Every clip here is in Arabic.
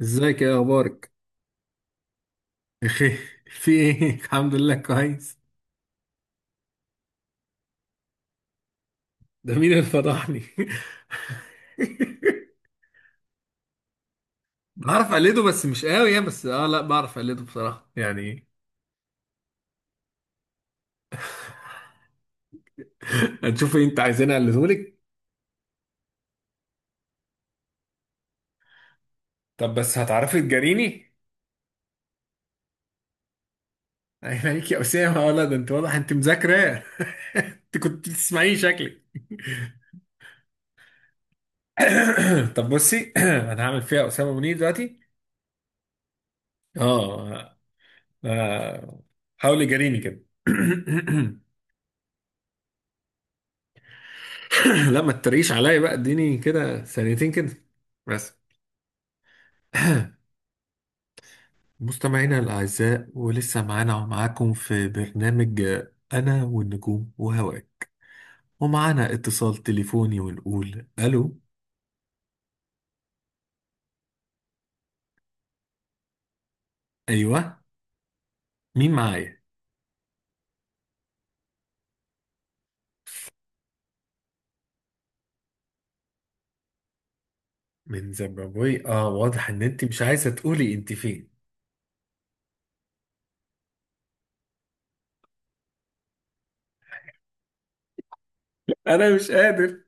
ازيك يا اخبارك؟ بخير. في ايه؟ الحمد لله كويس. ده مين اللي فضحني؟ بعرف اقلده بس مش قوي يعني. بس لا بعرف اقلده بصراحه يعني. هتشوفي. انت عايزين اقلده لك؟ طب بس هتعرفي تجاريني؟ عيب عليك يا اسامه. ولا ده انت واضح انت مذاكره. انت كنت بتسمعيه شكلك. طب بصي، انا هعمل فيها اسامه منير دلوقتي. اه. آه، حاولي جاريني كده. لا ما تتريقش عليا بقى، اديني كده ثانيتين كده بس. مستمعينا الأعزاء، ولسه معانا ومعاكم في برنامج أنا والنجوم وهواك. ومعانا اتصال تليفوني، ونقول ألو. أيوه، مين معايا؟ من زيمبابوي؟ اه، واضح ان انت مش عايزة تقولي انت فين. انا مش قادر.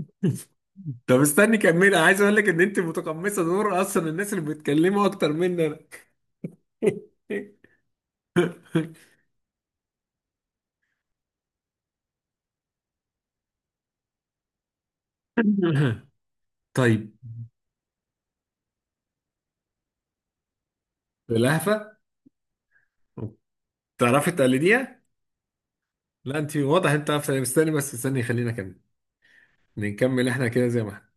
طب استني كملي، عايز اقول لك ان انت متقمصة دور اصلا الناس اللي بيتكلموا اكتر مني انا. طيب. باللهفة؟ تعرفي تقلديها؟ لا انت واضح انت عارفه يعني. استني بس، استني خلينا كمل. نكمل احنا كده زي ما احنا.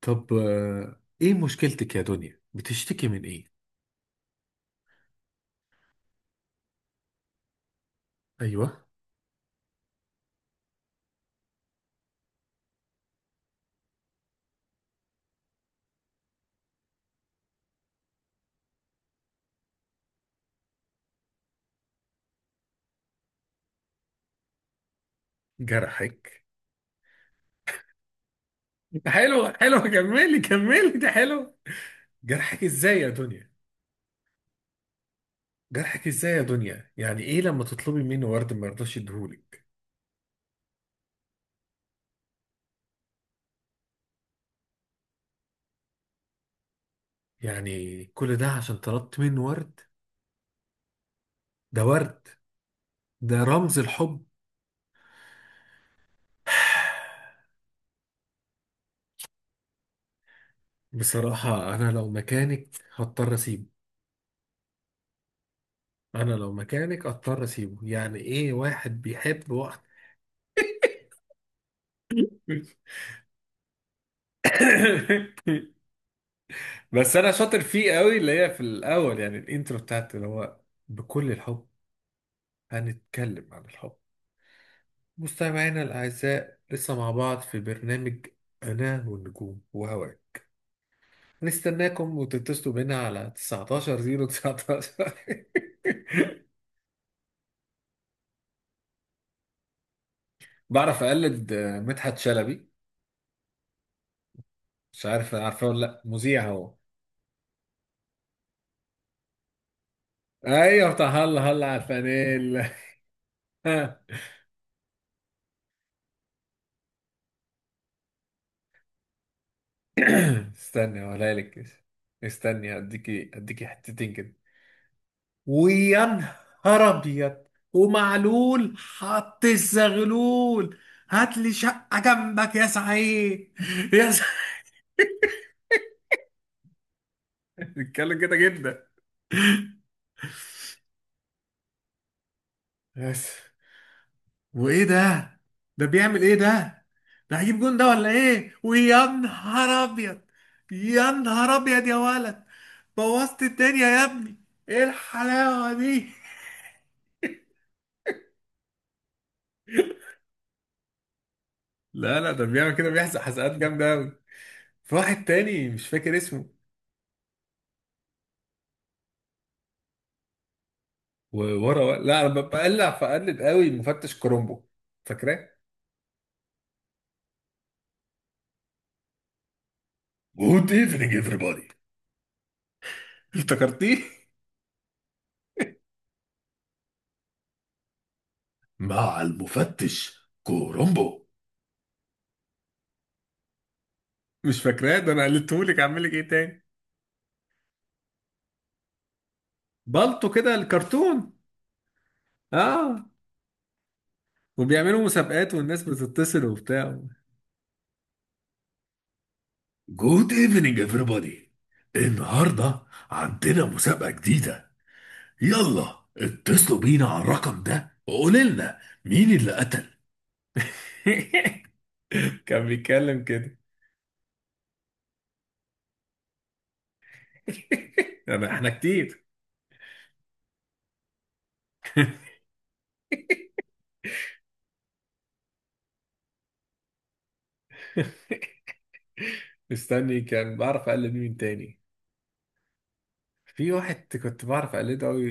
طب ايه مشكلتك يا دنيا؟ بتشتكي من ايه؟ ايوه. جرحك؟ حلو حلو، كملي كملي، ده حلو. جرحك ازاي يا دنيا؟ جرحك ازاي يا دنيا؟ يعني ايه لما تطلبي منه ورد ما يرضاش يديهولك؟ يعني كل ده عشان طلبت منه ورد؟ ده ورد، ده رمز الحب. بصراحة أنا لو مكانك هضطر أسيبه. انا لو مكانك اضطر اسيبه. يعني ايه واحد بيحب وقت؟ بس انا شاطر فيه قوي، اللي هي في الاول يعني الانترو بتاعت اللي هو بكل الحب. هنتكلم عن الحب. مستمعينا الاعزاء، لسه مع بعض في برنامج انا والنجوم وهواك. نستناكم وتتصلوا بينا على 19 019. بعرف اقلد مدحت شلبي. مش عارف عارفه ولا لا، مذيع هو. ايوه، بتاع هلا هلا على الفانيلا. استني هقولها لك، استني اديكي حتتين كده. ويا نهار ابيض، ومعلول حط الزغلول، هات لي شقه جنبك يا سعيد، يا سعيد. بيتكلم كده جدا. بس. وايه ده؟ ده بيعمل ايه ده؟ ده هيجيب جون ده ولا ايه؟ ويا نهار ابيض، يا نهار ابيض يا ولد، بوظت الدنيا يا ابني، ايه الحلاوه دي. لا لا، ده بيعمل كده، بيحزق حزقات جامده قوي. في واحد تاني مش فاكر اسمه. لا انا بقلع فقلب قوي، مفتش كرومبو. فاكراه؟ جود ايفنينج everybody. افتكرتيه؟ مع المفتش كورومبو. مش فاكراه؟ ده انا قلتهولك، اعمل لك ايه تاني؟ بالطو كده الكرتون. اه. وبيعملوا مسابقات والناس بتتصل وبتاع. جود ايفنينج everybody، النهارده عندنا مسابقة جديدة، يلا اتصلوا بينا على الرقم ده وقولوا لنا مين اللي قتل. كان بيتكلم كده. انا احنا كتير. مستني كان بعرف اقلد مين تاني. في واحد كنت بعرف اقلده قوي.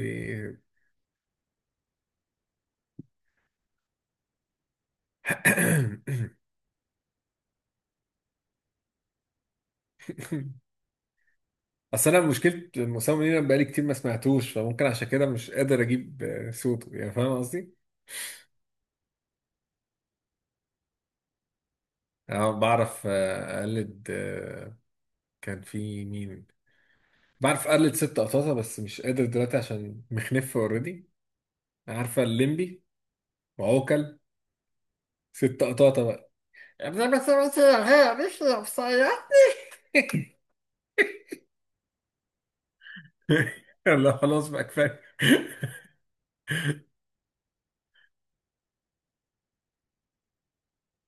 اصل انا مشكله مصمم لينا بقالي كتير ما سمعتوش، فممكن عشان كده مش قادر اجيب صوته، يعني فاهم قصدي. انا بعرف اقلد كان في مين؟ بعرف اقلد ست قطاطه بس مش قادر دلوقتي عشان مخنف اوريدي. عارفه الليمبي وعوكل؟ ست قطاطه. انما مثلا هي مش نفسية. يلا خلاص بقى كفايه.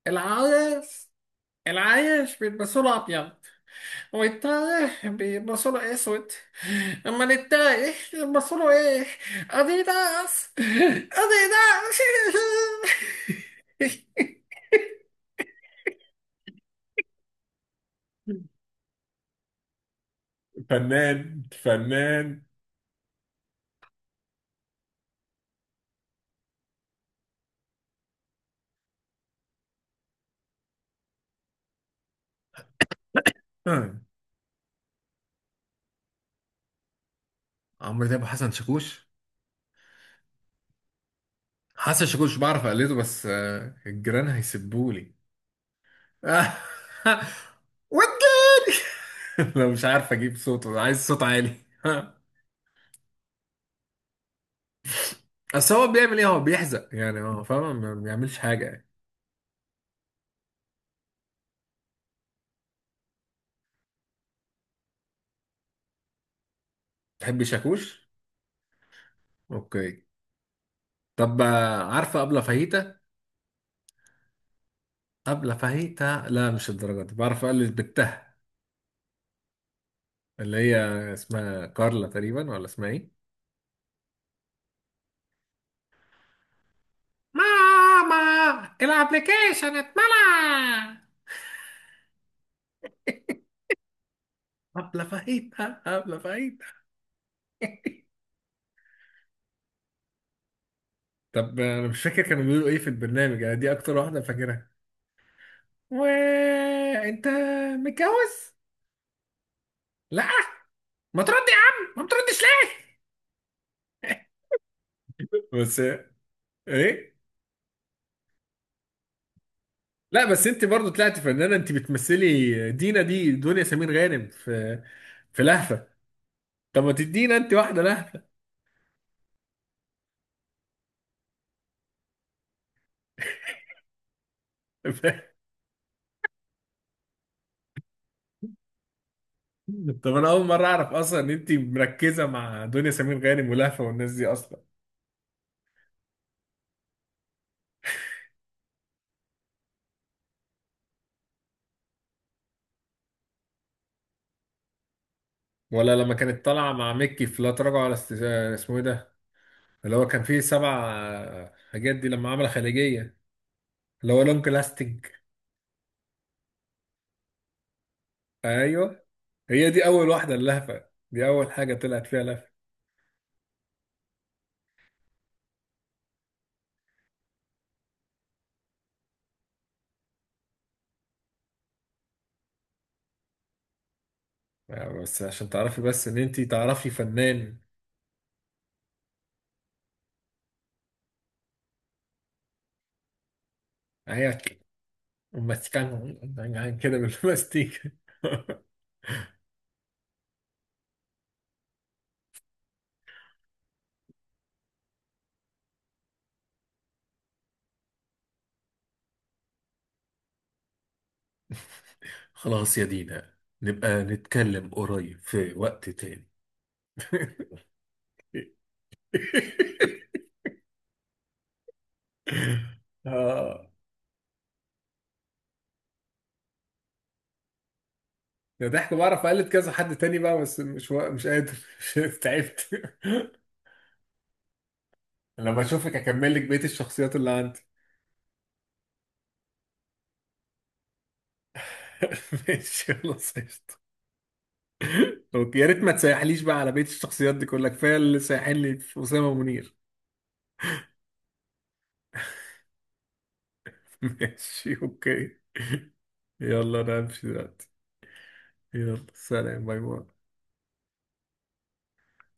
العايش، العايش بيلبسوا له ابيض، والتايه بيلبسوا له اسود. اما التايه بيلبسوا له ايه؟ اديداس، اديداس. فنان، فنان. آه. عمرو دياب وحسن شاكوش. حسن شاكوش بعرف اقلده بس الجيران هيسبولي. آه. وجد. لو مش عارف اجيب صوته عايز صوت عالي. اصل هو بيعمل ايه؟ هو بيحزق يعني، هو فاهم ما بيعملش حاجه يعني. تحب شاكوش؟ اوكي. طب عارفه ابله فاهيتا؟ ابله فاهيتا لا مش الدرجه دي، بعرف اقلد بالتها. اللي هي اسمها كارلا تقريبا ولا اسمها ايه؟ ماما الابلكيشن اتملى. ابله فاهيتا، ابله فاهيتا. طب انا مش فاكر كانوا بيقولوا ايه في البرنامج. انا دي اكتر واحده فاكرها. وانت متجوز؟ لا. ما ترد يا عم، ما بتردش ليه؟ بس ايه؟ لا بس انت برضو طلعتي فنانه. انت بتمثلي دينا، دي دنيا سمير غانم في في لهفه. طب ما تدينا انت واحده لهفه. طب انا اول مره اعرف اصلا ان انت مركزه مع دنيا سمير غانم ولهفه والناس دي اصلا. لما كانت طالعه مع مكي في لا تراجع ولا اسمه ايه ده؟ اللي هو كان فيه سبع حاجات دي لما عمل خليجيه، اللي هو لونج لاستنج. ايوه. هي دي اول واحده اللهفه، دي اول حاجه طلعت فيها لهفه. بس عشان تعرفي بس ان انت تعرفي فنان. هي ماسكان كده بالماستيك. خلاص يا دينا، نبقى نتكلم قريب في وقت تاني. اه ده ضحك. بعرف اقلد كذا حد تاني بقى بس مش قادر، مش قادر، تعبت. لما اشوفك اكمل لك بقيه الشخصيات اللي عندي. ماشي خلاص، قشطة. اوكي، يا ريت ما تسيحليش بقى على بقية الشخصيات دي كلها، كفاية اللي سايحين لي في أسامة منير. ماشي اوكي. يلا انا همشي دلوقتي. يلا سلام، باي باي.